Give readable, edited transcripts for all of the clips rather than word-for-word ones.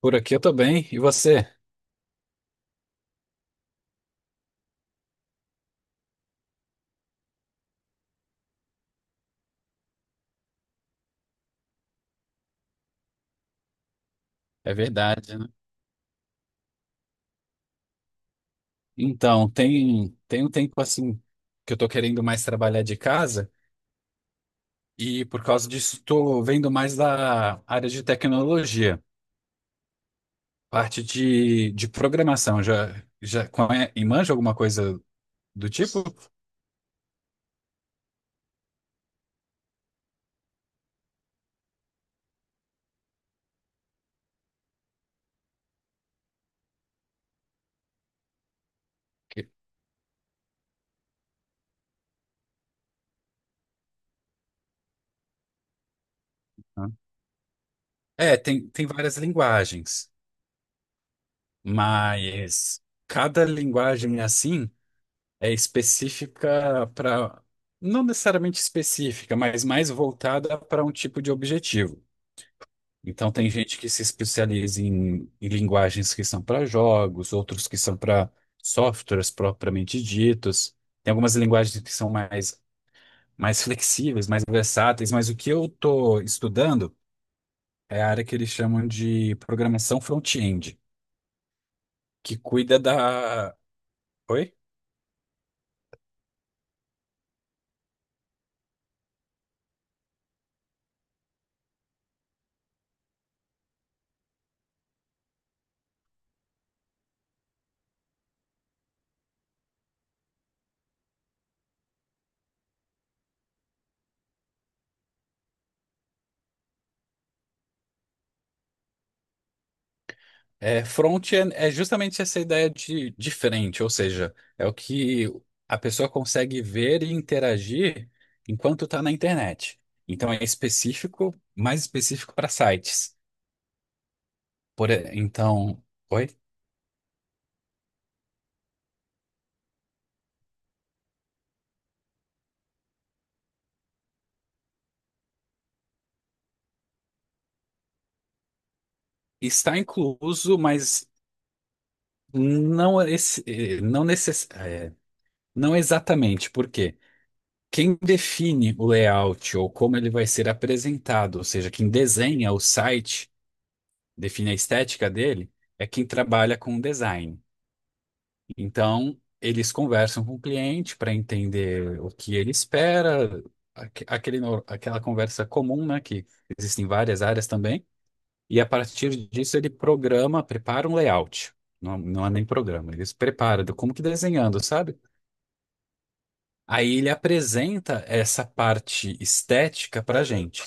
Por aqui eu tô bem. E você? É verdade, né? Então, tem um tempo assim que eu tô querendo mais trabalhar de casa e por causa disso tô vendo mais da área de tecnologia, parte de programação. Já, já manja alguma coisa do tipo? Que- hã? É, Tem várias linguagens, mas cada linguagem é assim. É específica para, não necessariamente específica, mas mais voltada para um tipo de objetivo. Então, tem gente que se especializa em linguagens que são para jogos, outros que são para softwares propriamente ditos. Tem algumas linguagens que são mais, mais flexíveis, mais versáteis, mas o que eu estou estudando é a área que eles chamam de programação front-end, que cuida da. Oi? É, front é justamente essa ideia de frente, ou seja, é o que a pessoa consegue ver e interagir enquanto está na internet. Então é específico, mais específico para sites. Então, oi? Está incluso, mas não, esse, eh, não, necess, eh, não exatamente, porque quem define o layout ou como ele vai ser apresentado, ou seja, quem desenha o site define a estética dele, é quem trabalha com design. Então, eles conversam com o cliente para entender o que ele espera, aque- aquele, no- aquela conversa comum, né, que existem várias áreas também, e a partir disso ele programa, prepara um layout. Não, não é nem programa, eles preparam, como que desenhando, sabe? Aí ele apresenta essa parte estética para gente.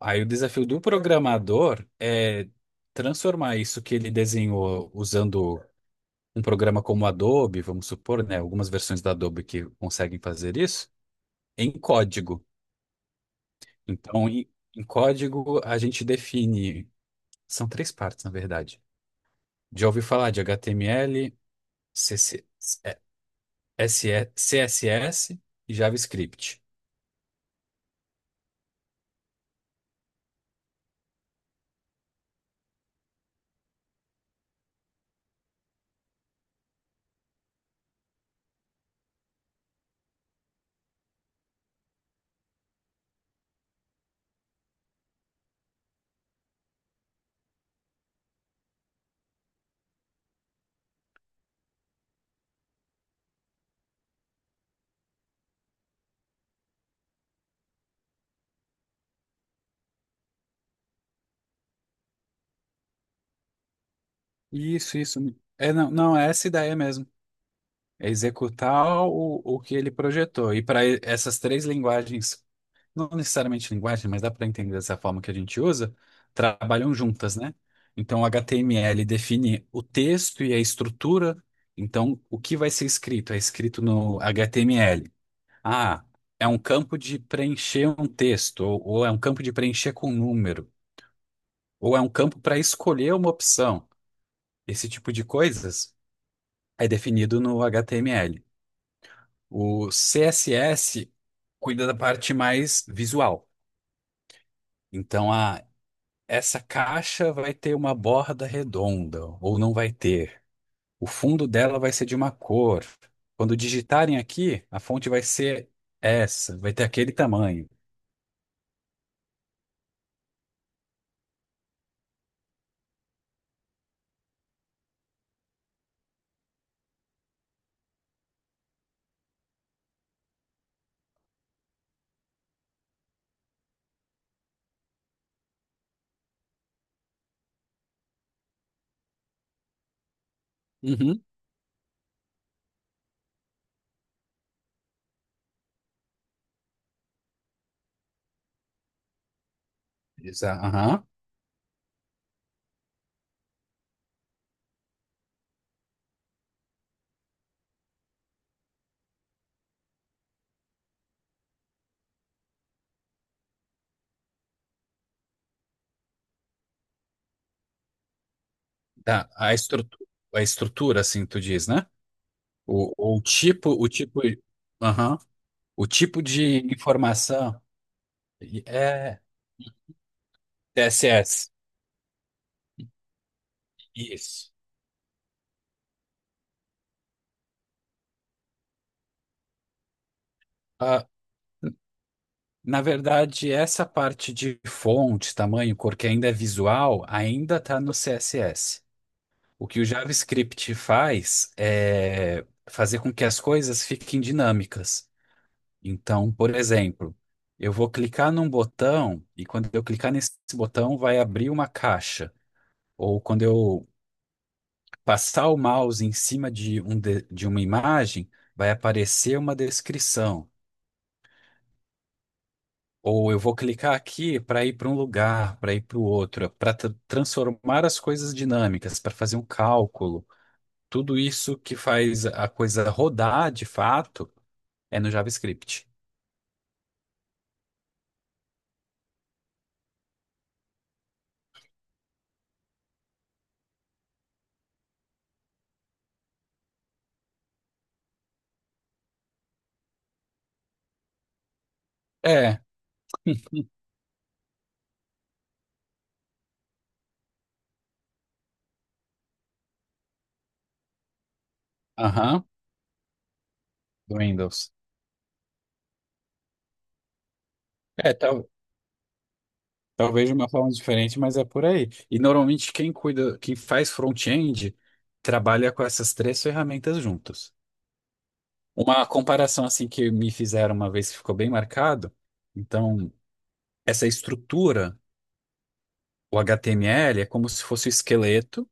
Aí o desafio do programador é transformar isso que ele desenhou usando um programa como Adobe, vamos supor, né, algumas versões da Adobe que conseguem fazer isso, em código. Então, em código, a gente define, são três partes, na verdade. Já ouvi falar de HTML, CC, SE, CSS e JavaScript. Isso, isso. É, não, não, é essa ideia mesmo. É executar o que ele projetou. E para essas três linguagens não necessariamente linguagem, mas dá para entender dessa forma que a gente usa, trabalham juntas, né? Então, o HTML define o texto e a estrutura. Então, o que vai ser escrito? É escrito no HTML. Ah, é um campo de preencher um texto, ou é um campo de preencher com um número, ou é um campo para escolher uma opção. Esse tipo de coisas é definido no HTML. O CSS cuida da parte mais visual. Então, a essa caixa vai ter uma borda redonda, ou não vai ter. O fundo dela vai ser de uma cor. Quando digitarem aqui, a fonte vai ser essa, vai ter aquele tamanho. Uhum. Diz, ah, aham. Tá, a estrutura, assim, tu diz, né? O tipo, aham. O tipo de informação é TSS. Isso. Ah, na verdade, essa parte de fonte, tamanho, cor, que ainda é visual, ainda está no CSS. O que o JavaScript faz é fazer com que as coisas fiquem dinâmicas. Então, por exemplo, eu vou clicar num botão e quando eu clicar nesse botão vai abrir uma caixa. Ou quando eu passar o mouse em cima de uma imagem, vai aparecer uma descrição. Ou eu vou clicar aqui para ir para um lugar, para ir para o outro, para transformar as coisas dinâmicas, para fazer um cálculo. Tudo isso que faz a coisa rodar de fato é no JavaScript. É, aham, do Windows. É, tal, talvez de uma forma diferente, mas é por aí. E normalmente quem cuida, quem faz front-end, trabalha com essas três ferramentas juntos. Uma comparação assim que me fizeram uma vez que ficou bem marcado, então essa estrutura, o HTML é como se fosse o esqueleto,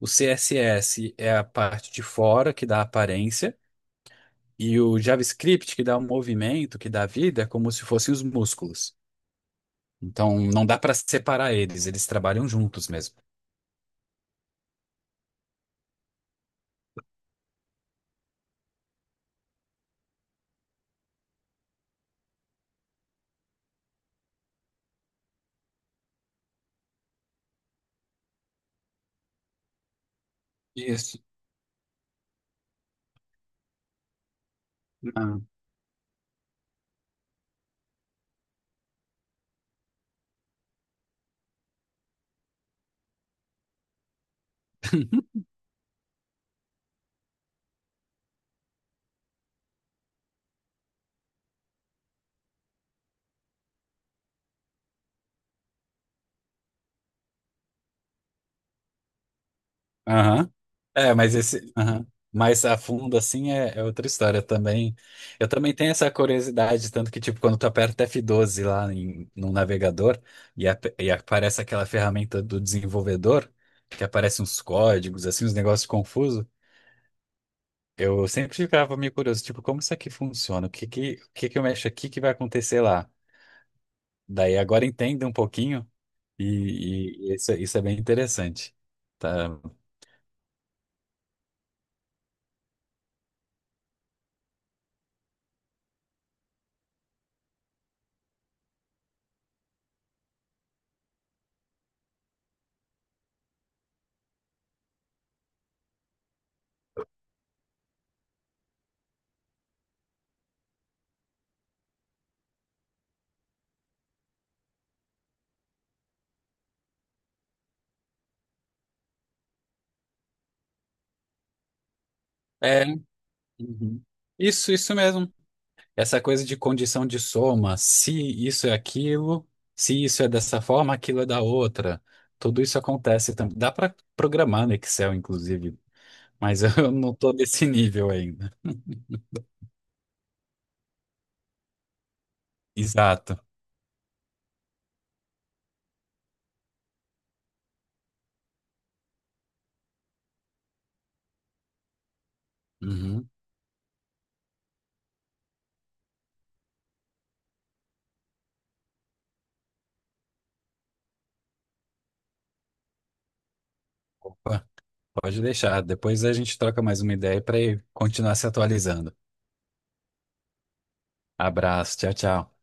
o CSS é a parte de fora que dá a aparência, e o JavaScript que dá o movimento, que dá a vida, é como se fossem os músculos. Então não dá para separar eles, eles trabalham juntos mesmo. Isso. Ah. Aham, é, mas esse aham mais a fundo assim é outra história também. Eu também tenho essa curiosidade, tanto que tipo quando tu aperta f doze lá no navegador e aparece aquela ferramenta do desenvolvedor, que aparece uns códigos assim, uns negócios confusos, eu sempre ficava meio curioso, tipo, como isso aqui funciona? O que que eu mexo aqui que vai acontecer lá? Daí agora entenda um pouquinho e isso é bem interessante. Tá? É, uhum. Isso mesmo. Essa coisa de condição de soma, se isso é aquilo, se isso é dessa forma, aquilo é da outra. Tudo isso acontece também. Dá para programar no Excel, inclusive, mas eu não estou nesse nível ainda. Exato. Uhum. Opa, pode deixar. Depois a gente troca mais uma ideia para continuar se atualizando. Abraço, tchau, tchau.